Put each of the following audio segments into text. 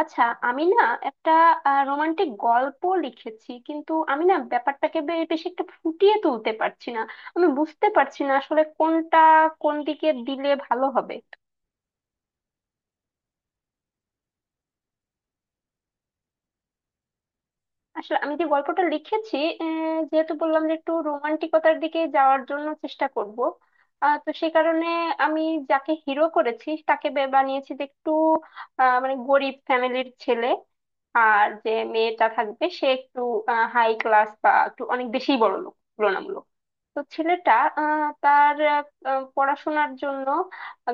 আচ্ছা। আমি না একটা রোমান্টিক গল্প লিখেছি, কিন্তু আমি না ব্যাপারটাকে বেশি একটা ফুটিয়ে তুলতে পারছি না। আমি বুঝতে পারছি না আসলে কোনটা কোন দিকে দিলে ভালো হবে। আসলে আমি যে গল্পটা লিখেছি, যেহেতু বললাম যে একটু রোমান্টিকতার দিকে যাওয়ার জন্য চেষ্টা করব, তো সেই কারণে আমি যাকে হিরো করেছি তাকে বানিয়েছি যে একটু মানে গরিব ফ্যামিলির ছেলে। আর যে মেয়েটা থাকবে সে একটু হাই ক্লাস বা একটু অনেক বেশি বড় লোক তুলনামূলক। তো ছেলেটা তার পড়াশোনার জন্য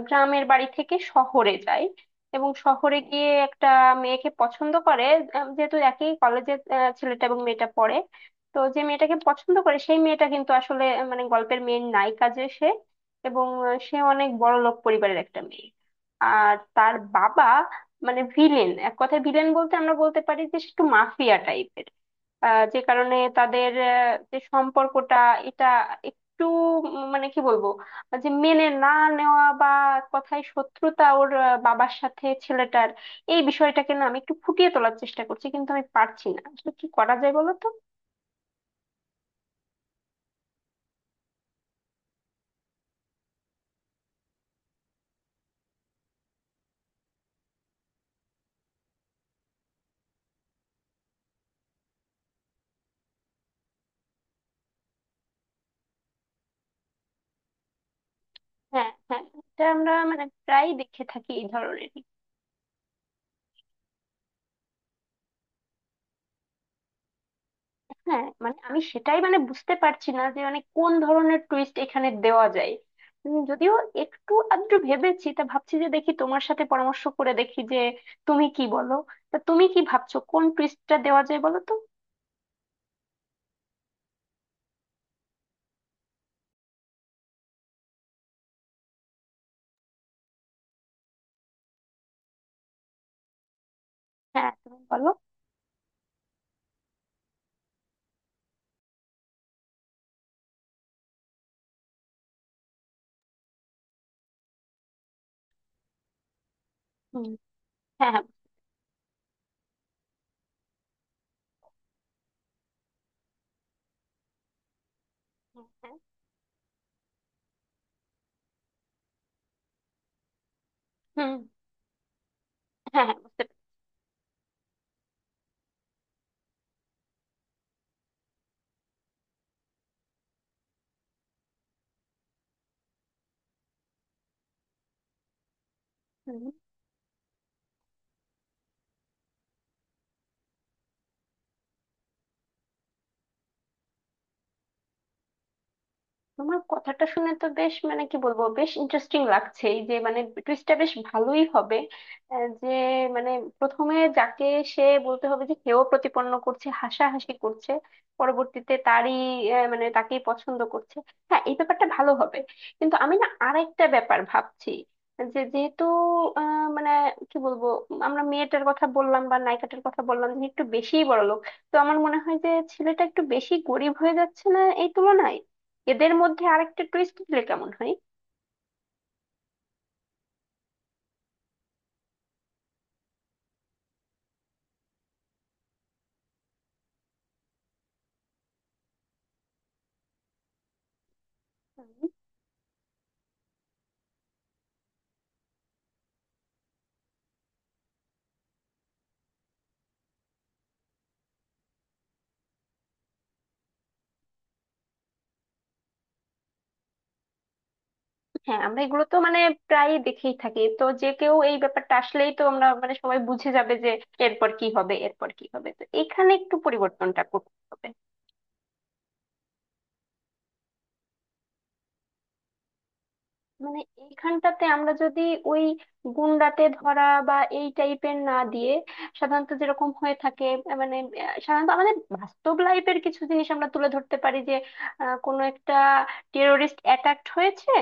গ্রামের বাড়ি থেকে শহরে যায়, এবং শহরে গিয়ে একটা মেয়েকে পছন্দ করে। যেহেতু একই কলেজে ছেলেটা এবং মেয়েটা পড়ে, তো যে মেয়েটাকে পছন্দ করে সেই মেয়েটা কিন্তু আসলে মানে গল্পের মেয়ের নায়িকা যে সে, এবং সে অনেক বড় লোক পরিবারের একটা মেয়ে। আর তার বাবা মানে ভিলেন, এক কথায় ভিলেন বলতে আমরা বলতে পারি যে সে একটু মাফিয়া টাইপের। যে কারণে তাদের যে সম্পর্কটা, এটা একটু মানে কি বলবো, যে মেনে না নেওয়া বা কথায় শত্রুতা ওর বাবার সাথে ছেলেটার। এই বিষয়টাকে না আমি একটু ফুটিয়ে তোলার চেষ্টা করছি, কিন্তু আমি পারছি না। আসলে কি করা যায় বলো তো? হ্যাঁ হ্যাঁ, এটা আমরা মানে প্রায়ই দেখে থাকি এই ধরনের। হ্যাঁ মানে আমি সেটাই মানে বুঝতে পারছি না যে মানে কোন ধরনের টুইস্ট এখানে দেওয়া যায়। যদিও একটু আধটু ভেবেছি, তা ভাবছি যে দেখি তোমার সাথে পরামর্শ করে দেখি যে তুমি কি বলো। তা তুমি কি ভাবছো কোন টুইস্টটা দেওয়া যায় বলো তো? হ্যাঁ তুমি বলো। হুম। হ্যাঁ হ্যাঁ হ্যাঁ। হ্যাঁ হুম। হ্যাঁ হ্যাঁ বুঝতে পারছি। তোমার কথাটা শুনে তো বেশ, মানে কি বলবো, বেশ ইন্টারেস্টিং লাগছে, এই যে মানে টুইস্টটা বেশ ভালোই হবে। যে মানে প্রথমে যাকে সে বলতে হবে যে সেও প্রতিপন্ন করছে হাসাহাসি করছে, পরবর্তীতে তারই মানে তাকেই পছন্দ করছে। হ্যাঁ এই ব্যাপারটা ভালো হবে। কিন্তু আমি না আরেকটা ব্যাপার ভাবছি, যে যেহেতু মানে কি বলবো, আমরা মেয়েটার কথা বললাম বা নায়িকাটার কথা বললাম যে একটু বেশিই বড়লোক, তো আমার মনে হয় যে ছেলেটা একটু বেশি গরিব হয়ে যাচ্ছে না এই তুলনায়? এদের মধ্যে আরেকটা টুইস্ট দিলে কেমন হয়? হুম। হ্যাঁ আমরা এগুলো তো মানে প্রায় দেখেই থাকি তো, যে কেউ এই ব্যাপারটা আসলেই তো আমরা মানে সবাই বুঝে যাবে যে এরপর কি হবে এরপর কি হবে। তো এখানে একটু পরিবর্তনটা করতে হবে। মানে এইখানটাতে আমরা যদি ওই গুন্ডাতে ধরা বা এই টাইপের না দিয়ে, সাধারণত যেরকম হয়ে থাকে মানে সাধারণত আমাদের বাস্তব লাইফের কিছু জিনিস আমরা তুলে ধরতে পারি, যে কোনো একটা টেরোরিস্ট অ্যাটাক হয়েছে,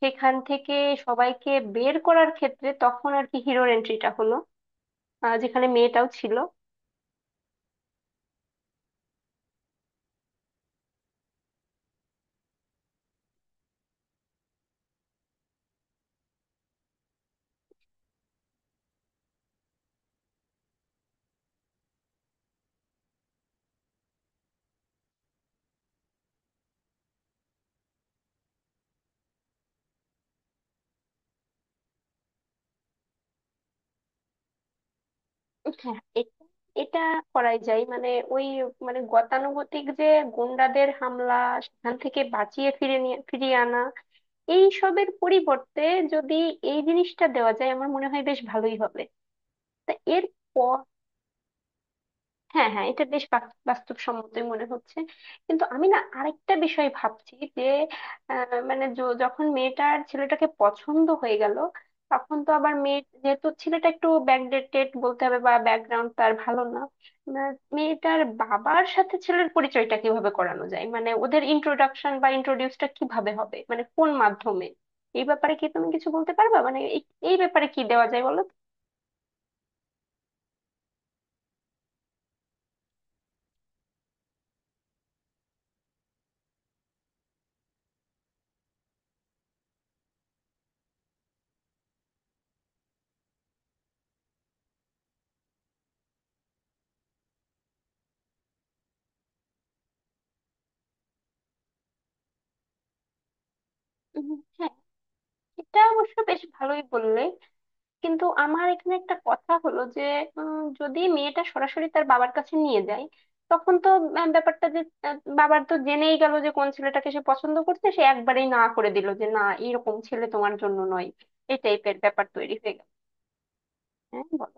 সেখান থেকে সবাইকে বের করার ক্ষেত্রে তখন আর কি হিরোর এন্ট্রিটা হলো, যেখানে মেয়েটাও ছিল। হ্যাঁ এটা করাই যায়। মানে ওই মানে গতানুগতিক যে গুন্ডাদের হামলা, সেখান থেকে বাঁচিয়ে ফিরে নিয়ে ফিরিয়ে আনা, এই সবের পরিবর্তে যদি এই জিনিসটা দেওয়া যায় আমার মনে হয় বেশ ভালোই হবে। তা এর হ্যাঁ হ্যাঁ, এটা বেশ বাস্তবসম্মতই মনে হচ্ছে। কিন্তু আমি না আরেকটা বিষয় ভাবছি যে মানে যখন মেয়েটার ছেলেটাকে পছন্দ হয়ে গেল, তখন তো আবার মেয়ে যেহেতু ছেলেটা একটু ব্যাকডেটেড বলতে হবে বা ব্যাকগ্রাউন্ড তার ভালো না, না, মেয়েটার বাবার সাথে ছেলের পরিচয়টা কিভাবে করানো যায়? মানে ওদের ইন্ট্রোডাকশন বা ইন্ট্রোডিউসটা কিভাবে হবে, মানে কোন মাধ্যমে? এই ব্যাপারে কি তুমি কিছু বলতে পারবা, মানে এই এই ব্যাপারে কি দেওয়া যায় বলো তো? উম, হ্যাঁ এটা অবশ্য বেশ ভালোই বললে। কিন্তু আমার এখানে একটা কথা হলো যে যদি মেয়েটা সরাসরি তার বাবার কাছে নিয়ে যায়, তখন তো ব্যাপারটা যে বাবার তো জেনেই গেল যে কোন ছেলেটাকে সে পছন্দ করছে, সে একবারেই না করে দিল যে না এরকম ছেলে তোমার জন্য নয়। এই টাইপের ব্যাপার তৈরি হয়ে গেল। হ্যাঁ বলো।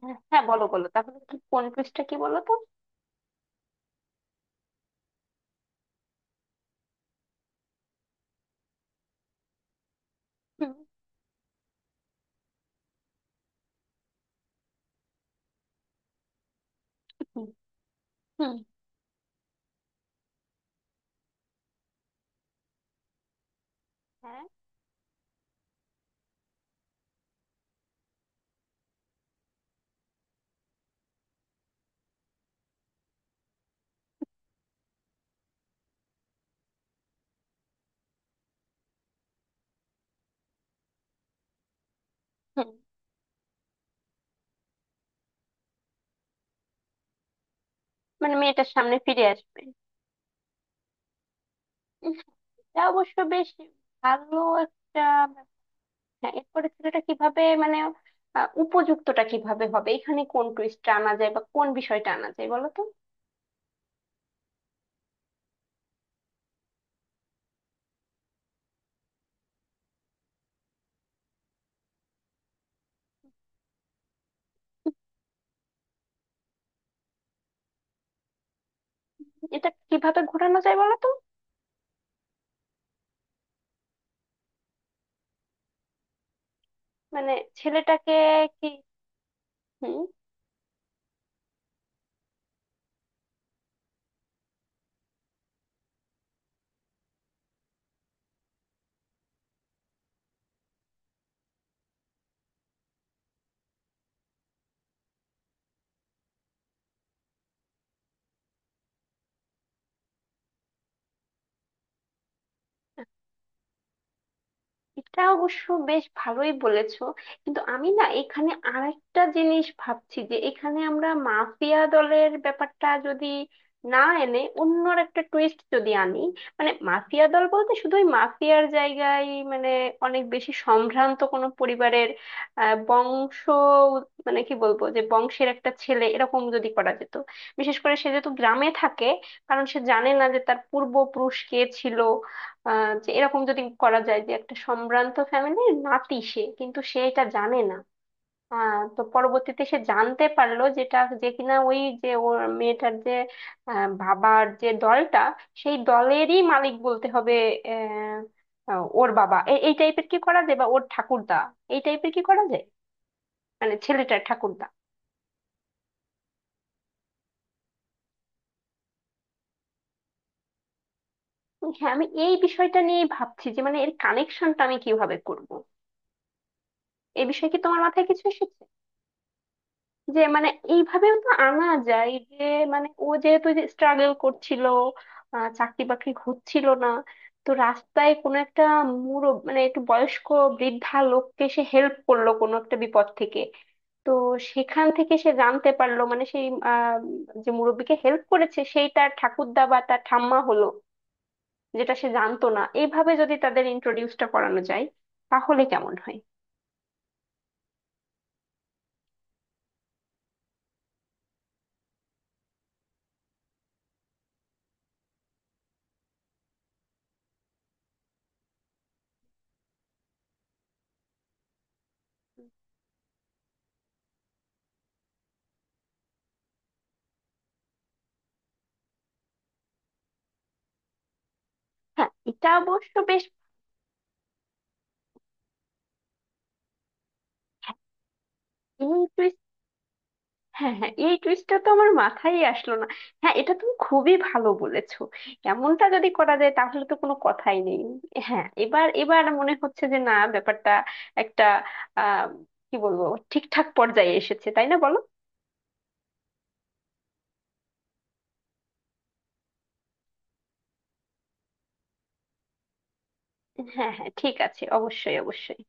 হ্যাঁ হ্যাঁ, বলো বলো তাহলে কি কোন পৃষ্ঠা কি বলো তো? হুম। হুম। হুম। হ্যাঁ। হুম। মানে মেয়েটার সামনে ফিরে আসবে। উম, এটা অবশ্য বেশ ভালো একটা। হ্যাঁ এরপরে ছেলেটা কিভাবে মানে উপযুক্তটা কিভাবে হবে, এখানে কোন টুইস্টটা আনা যায় বা কোন বিষয়টা আনা যায় বলো তো? এটা কিভাবে ঘোরানো যায় বলো তো? মানে ছেলেটাকে কি হুম। এটা অবশ্য বেশ ভালোই বলেছো। কিন্তু আমি না এখানে আরেকটা জিনিস ভাবছি, যে এখানে আমরা মাফিয়া দলের ব্যাপারটা যদি না এনে অন্যর একটা টুইস্ট যদি আনি, মানে মাফিয়া দল বলতে শুধুই মাফিয়ার জায়গায় মানে অনেক বেশি সম্ভ্রান্ত কোনো পরিবারের বংশ, মানে কি বলবো, যে বংশের একটা ছেলে এরকম যদি করা যেত। বিশেষ করে সে যেহেতু গ্রামে থাকে, কারণ সে জানে না যে তার পূর্বপুরুষ কে ছিল। যে এরকম যদি করা যায় যে একটা সম্ভ্রান্ত ফ্যামিলির নাতি সে, কিন্তু সে এটা জানে না। তো পরবর্তীতে সে জানতে পারলো, যেটা যে কিনা ওই যে ওর মেয়েটার যে বাবার যে দলটা, সেই দলেরই মালিক বলতে হবে। আহ আহ, ওর বাবা এই টাইপের কি করা যায় বা ওর ঠাকুরদা, এই টাইপের কি করা যায়, মানে ছেলেটার ঠাকুরদা। হ্যাঁ আমি এই বিষয়টা নিয়ে ভাবছি যে মানে এর কানেকশনটা আমি কিভাবে করব, এই বিষয়ে কি তোমার মাথায় কিছু এসেছে? যে মানে এইভাবেও তো আনা যায় যে মানে ও যেহেতু যে স্ট্রাগল করছিল, চাকরি বাকরি হচ্ছিল না, তো রাস্তায় কোনো একটা মানে একটু বয়স্ক বৃদ্ধা লোককে সে হেল্প করলো কোনো একটা বিপদ থেকে। তো সেখান থেকে সে জানতে পারলো মানে সেই যে মুরব্বিকে হেল্প করেছে সেই তার ঠাকুরদা বা তার ঠাম্মা হলো, যেটা সে জানতো না। এইভাবে যদি তাদের ইন্ট্রোডিউসটা করানো যায় তাহলে কেমন হয়? হ্যাঁ এটা অবশ্য বেশ। হ্যাঁ হ্যাঁ এই টুইস্টটা তো আমার মাথায় আসলো না। হ্যাঁ এটা তুমি খুবই ভালো বলেছো। এমনটা যদি করা যায় তাহলে তো কোনো কথাই নেই। হ্যাঁ, এবার এবার মনে হচ্ছে যে না, ব্যাপারটা একটা আহ কি বলবো, ঠিকঠাক পর্যায়ে এসেছে, তাই না বলো? হ্যাঁ হ্যাঁ ঠিক আছে, অবশ্যই অবশ্যই।